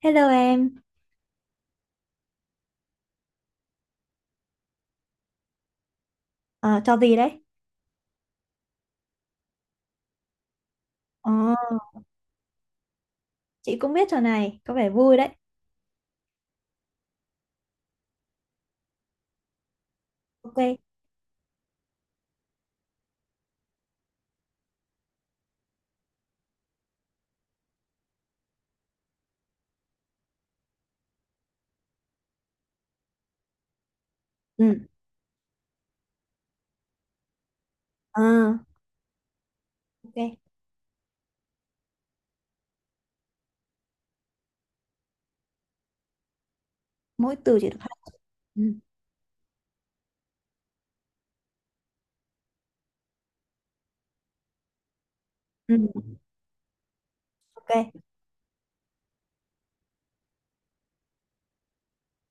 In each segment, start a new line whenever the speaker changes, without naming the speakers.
Hello em. Ờ, trò gì đấy? Ờ, chị cũng biết trò này, có vẻ vui đấy. Ok. Ừ. Ờ, ok. Mỗi từ chỉ được hai. Ừ. Ừ. Ok.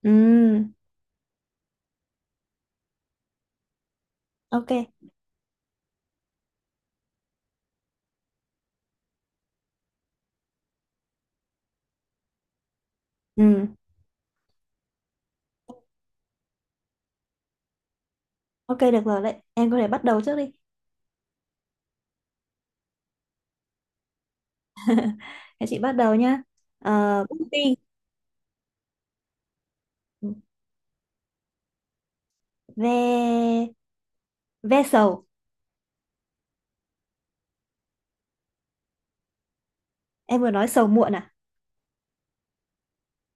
Ừ. Ok. Ừ. Ok, được rồi đấy. Em có thể bắt đầu trước đi. Để chị bắt đầu nhá. Ờ, bút bi. Ừ. Ve, ve sầu. Em vừa nói sầu muộn à?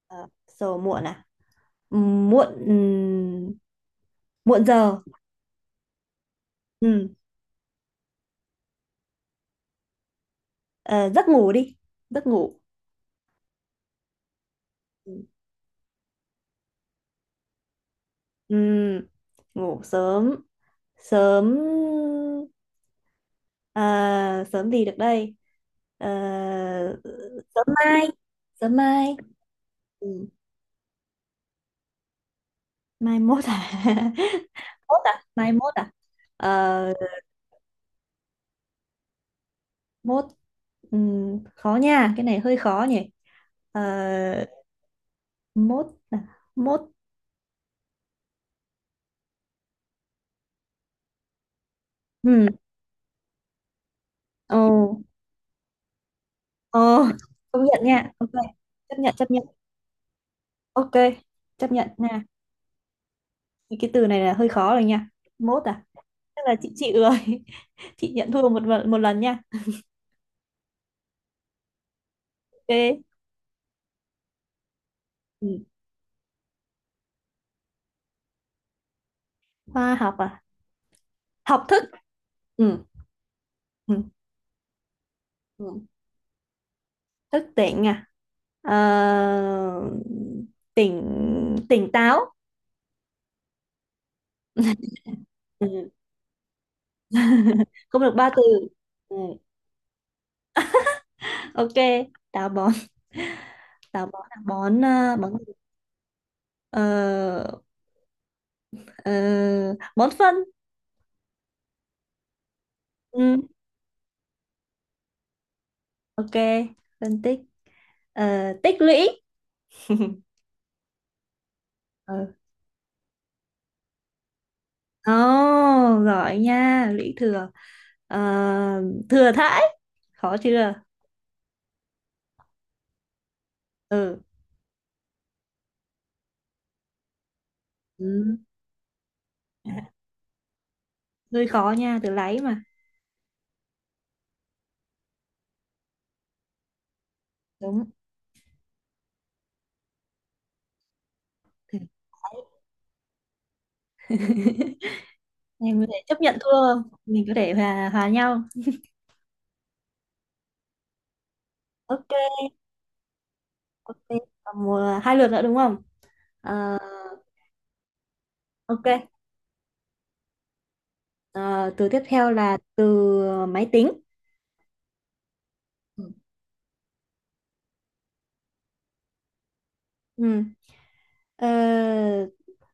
Ờ, sầu muộn à? Ừ, muộn muộn giờ. Ừ. Ờ, giấc ngủ đi. Giấc ngủ. Ừ. Ừ, ngủ sớm. sớm sớm gì được đây? Ờ, sớm mai. Sớm mai. Ừ. Mai mốt à? Mốt à? Mai mốt à? Ờ, mốt. Khó nha, cái này hơi khó nhỉ. Ờ, mốt à? Mốt. Ừ. Ồ. Ồ. Công nhận nha, ok. Chấp nhận, chấp nhận. Ok. Chấp nhận nha. Thì cái từ này là hơi khó rồi nha. Mốt à? Tức là chị chịu rồi. Chị nhận thua 1-1, một lần nha. Ok. Ừ. Khoa học à? Học thức. Ừ. Ừ. Ừ. Thức tỉnh à? Ờ, tỉnh. Tỉnh táo. Ừ. Không được ba từ. Ừ. Ok. Táo bón. Táo bón à? Bón à? Bón gì? Ờ. Ờ. Bón phân. Ừ. Ok. Phân tích. Ờ, tích lũy. Ừ. Ồ, giỏi nha, lũy thừa. Ờ, thừa thãi. Khó chưa? Ừ. Ừ. Hơi khó nha, từ lấy mà. Đúng. Thừa thãi. Em có thể chấp nhận thua không? Mình có thể hòa nhau. Ok, ok. Còn một, hai lượt nữa đúng không? Ờ, ok. Ờ, từ tiếp theo là từ máy tính. Ừ. Ừ. Ờ,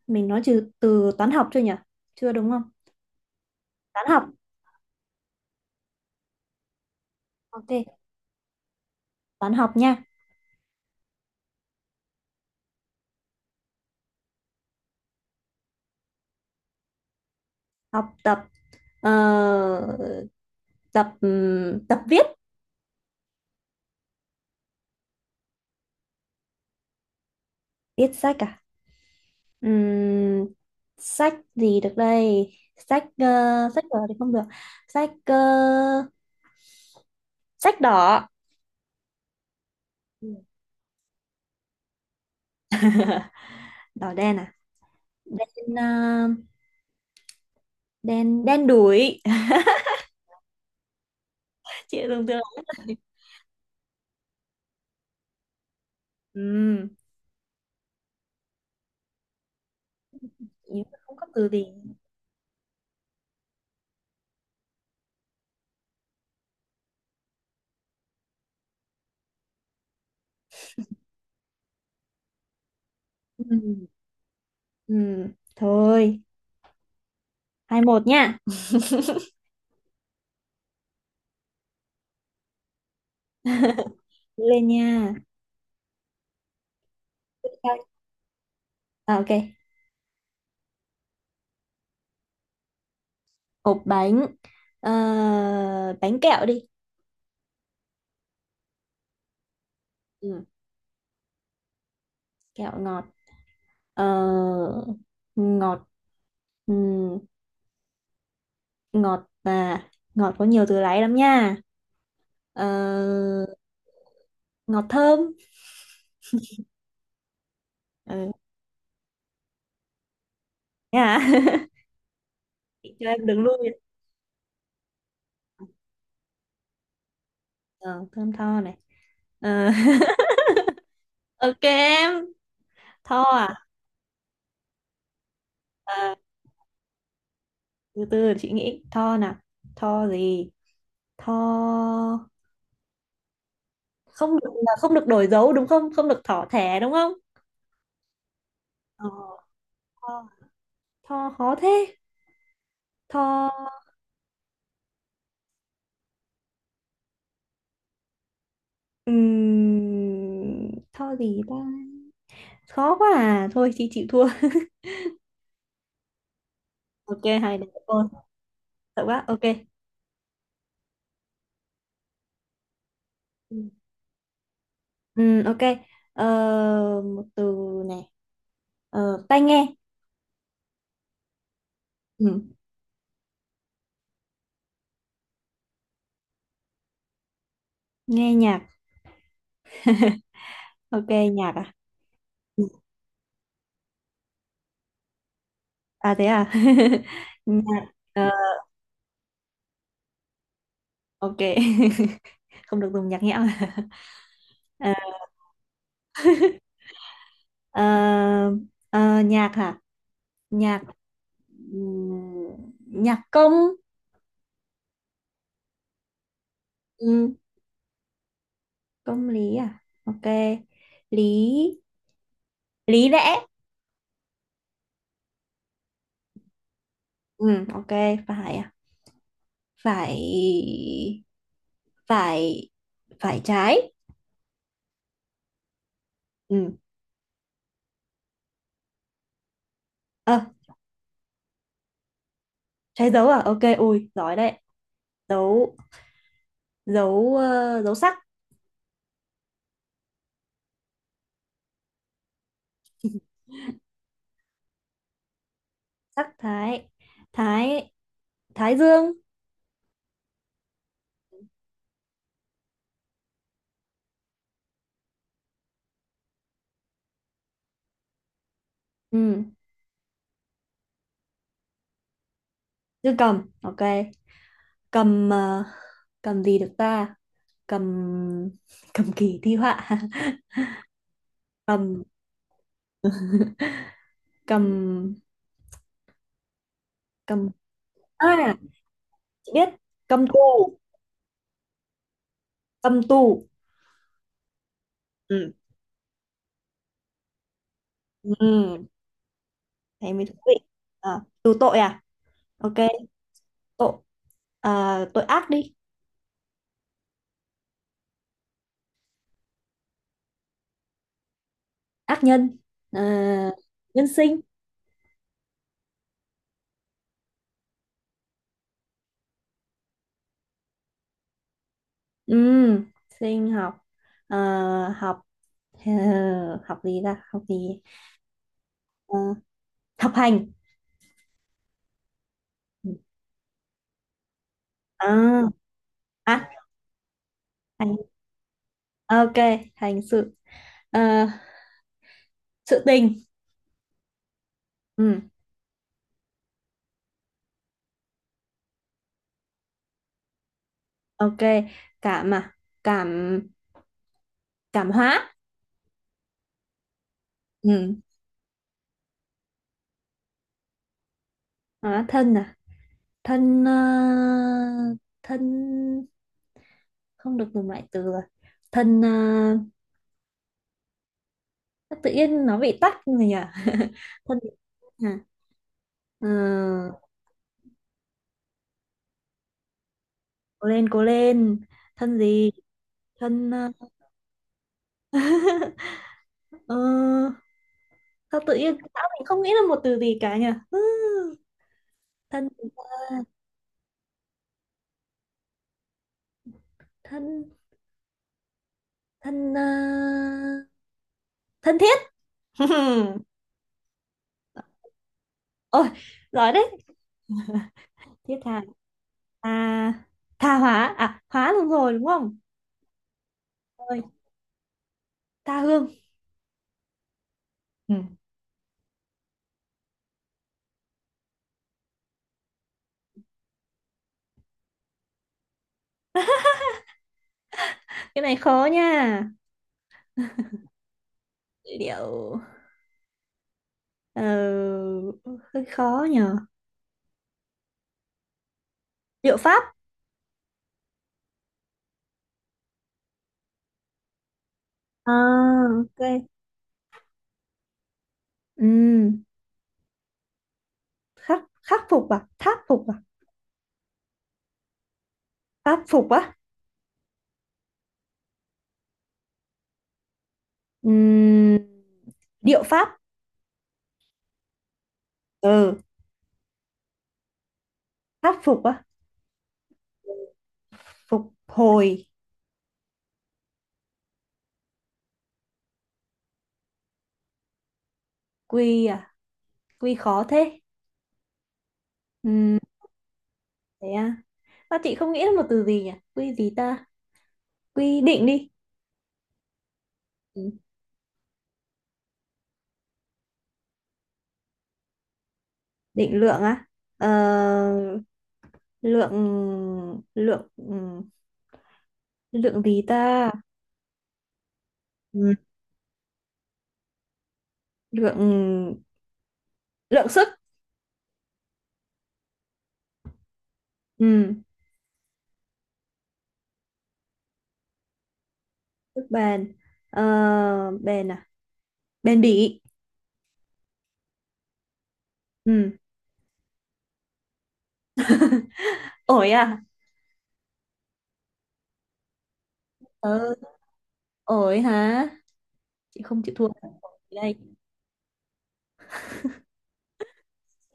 mình nói từ từ toán học chưa nhỉ? Chưa đúng không? Toán học. Ok, toán học nha. Học tập. Ờ, tập viết. Viết sách à? Ừm, sách gì được đây? Sách đỏ thì không được. Sách ờ, sách đỏ. Đỏ đen à? Đen ờ, đen đen đủi. Chị tưởng tượng. Um, không có từ gì. Ừm, thôi, 2-1 nha. Lên nha. À, ok. Hộp bánh. Ờ, bánh kẹo đi. Ừm, kẹo ngọt. Ờ, ngọt ừm, ngọt và ngọt có nhiều từ lấy lắm nha. Ờ, ngọt thơm. Ừ. Thế à? Chị cho em đừng lui. Ờ, thơm tho này. Ờ. Ok em. Tho à? Ờ, từ từ để chị nghĩ tho nào. Tho gì? Tho. Không được, là không được đổi dấu đúng không? Không được thỏ thẻ đúng không? Ờ, tho, tho khó thế. Tho. Tho gì ta? Khó quá à, thôi chị chịu thua. Ok, hai đứa ôi. Sợ quá, ok. Ừ. Ừ, ok. Ờ, một từ này. Ờ, tai nghe. Ừ. Nghe nhạc. Ok. Nhạc à? Ừ. À, thế à? Nhạc. Ờ, ok. Không được dùng nhạc nhẽo. À. Ờ, ờ, nhạc hả? Nhạc. Nhạc công. Ừm, công lý à? Ok. Lý. Lý lẽ. Ừ. Ok. Phải à? Phải. Phải. Phải trái. Ừ. Ờ. Trái dấu à? Ok, ui giỏi đấy. Dấu. Dấu sắc. Sắc thái. Thái. Thái dương. Ừ. Dương cầm. Ok. Cầm ờ, cầm gì được ta? Cầm. Cầm kỳ thi họa. Cầm. Cầm. Cầm. À, chị biết. Cầm tù. Cầm tù. Ừ. Ừ. Thế mới thú vị. À, tù tội à? Ok. Tội à, tội ác đi. Ác nhân. À, nhân sinh. Ừm, sinh học. À, học ờ, học gì ra, học gì? Ờ, học hành. À, à, hành. Ok, hành sự. Ờ, sự tình. Ừm, ok, cảm à, cảm cảm hóa. Ừm, hóa thân à? thân ờ, thân. Không được dùng loại từ rồi. Thân, ờ, tự nhiên nó bị tắc rồi nhỉ. Thân gì? À. Ờ. Cố lên, cố lên. Thân gì? Thân. Ờ, ờ, Sao tự nhiên tao mình không nghĩ là một từ gì cả nhỉ. Ừ. Thân gì ta? Thân. Thân ờ, thân thiết. Ôi, giỏi đấy. Thiết tha. Tha. Tha hóa à? Hóa luôn rồi đúng không? Ôi, tha hương. Ừ. Cái này khó nha. Liệu, ờ, hơi khó nhờ. Liệu pháp. À, ok. Ừ. khắc khắc phục à? Tháp phục à? Pháp phục á. Ừm, điệu pháp. Ừ. Pháp phục á. Phục hồi. Quy à? Quy khó thế. Ừm, thế à? Ta, chị không nghĩ ra một từ gì nhỉ. Quy gì ta? Quy định đi. Ừ. Định lượng á. Ờ, lượng. Lượng ừ, lượng gì ta? Ừ. Lượng. Lượng sức. Ừ. Sức bền. Ờ, bền à? Bền bỉ. Ừ. Ổi à? Ờ, ổi hả? Chị không chịu thua. Ổi đây.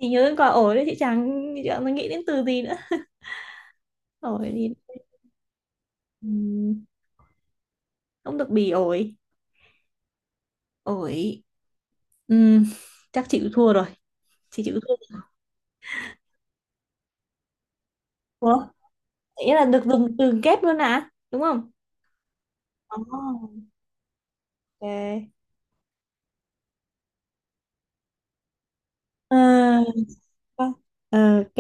Chị nhớ đến quả ổi đấy, chị chẳng nghĩ đến từ gì nữa. Ổi thì. Ừ. Không được bỉ ổi. Ổi. Ừ. Chắc chị chịu thua rồi. Chị chịu thua. Ủa? Nghĩa là được dùng từ kép luôn à đúng không? Oh. Ok. Ờ, ok. Ờ, ok.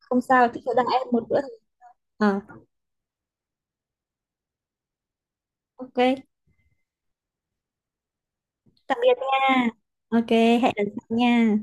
Không sao, chị sẽ đại em một bữa. Ờ, ok, tạm biệt nha. Ok, hẹn lần sau nha.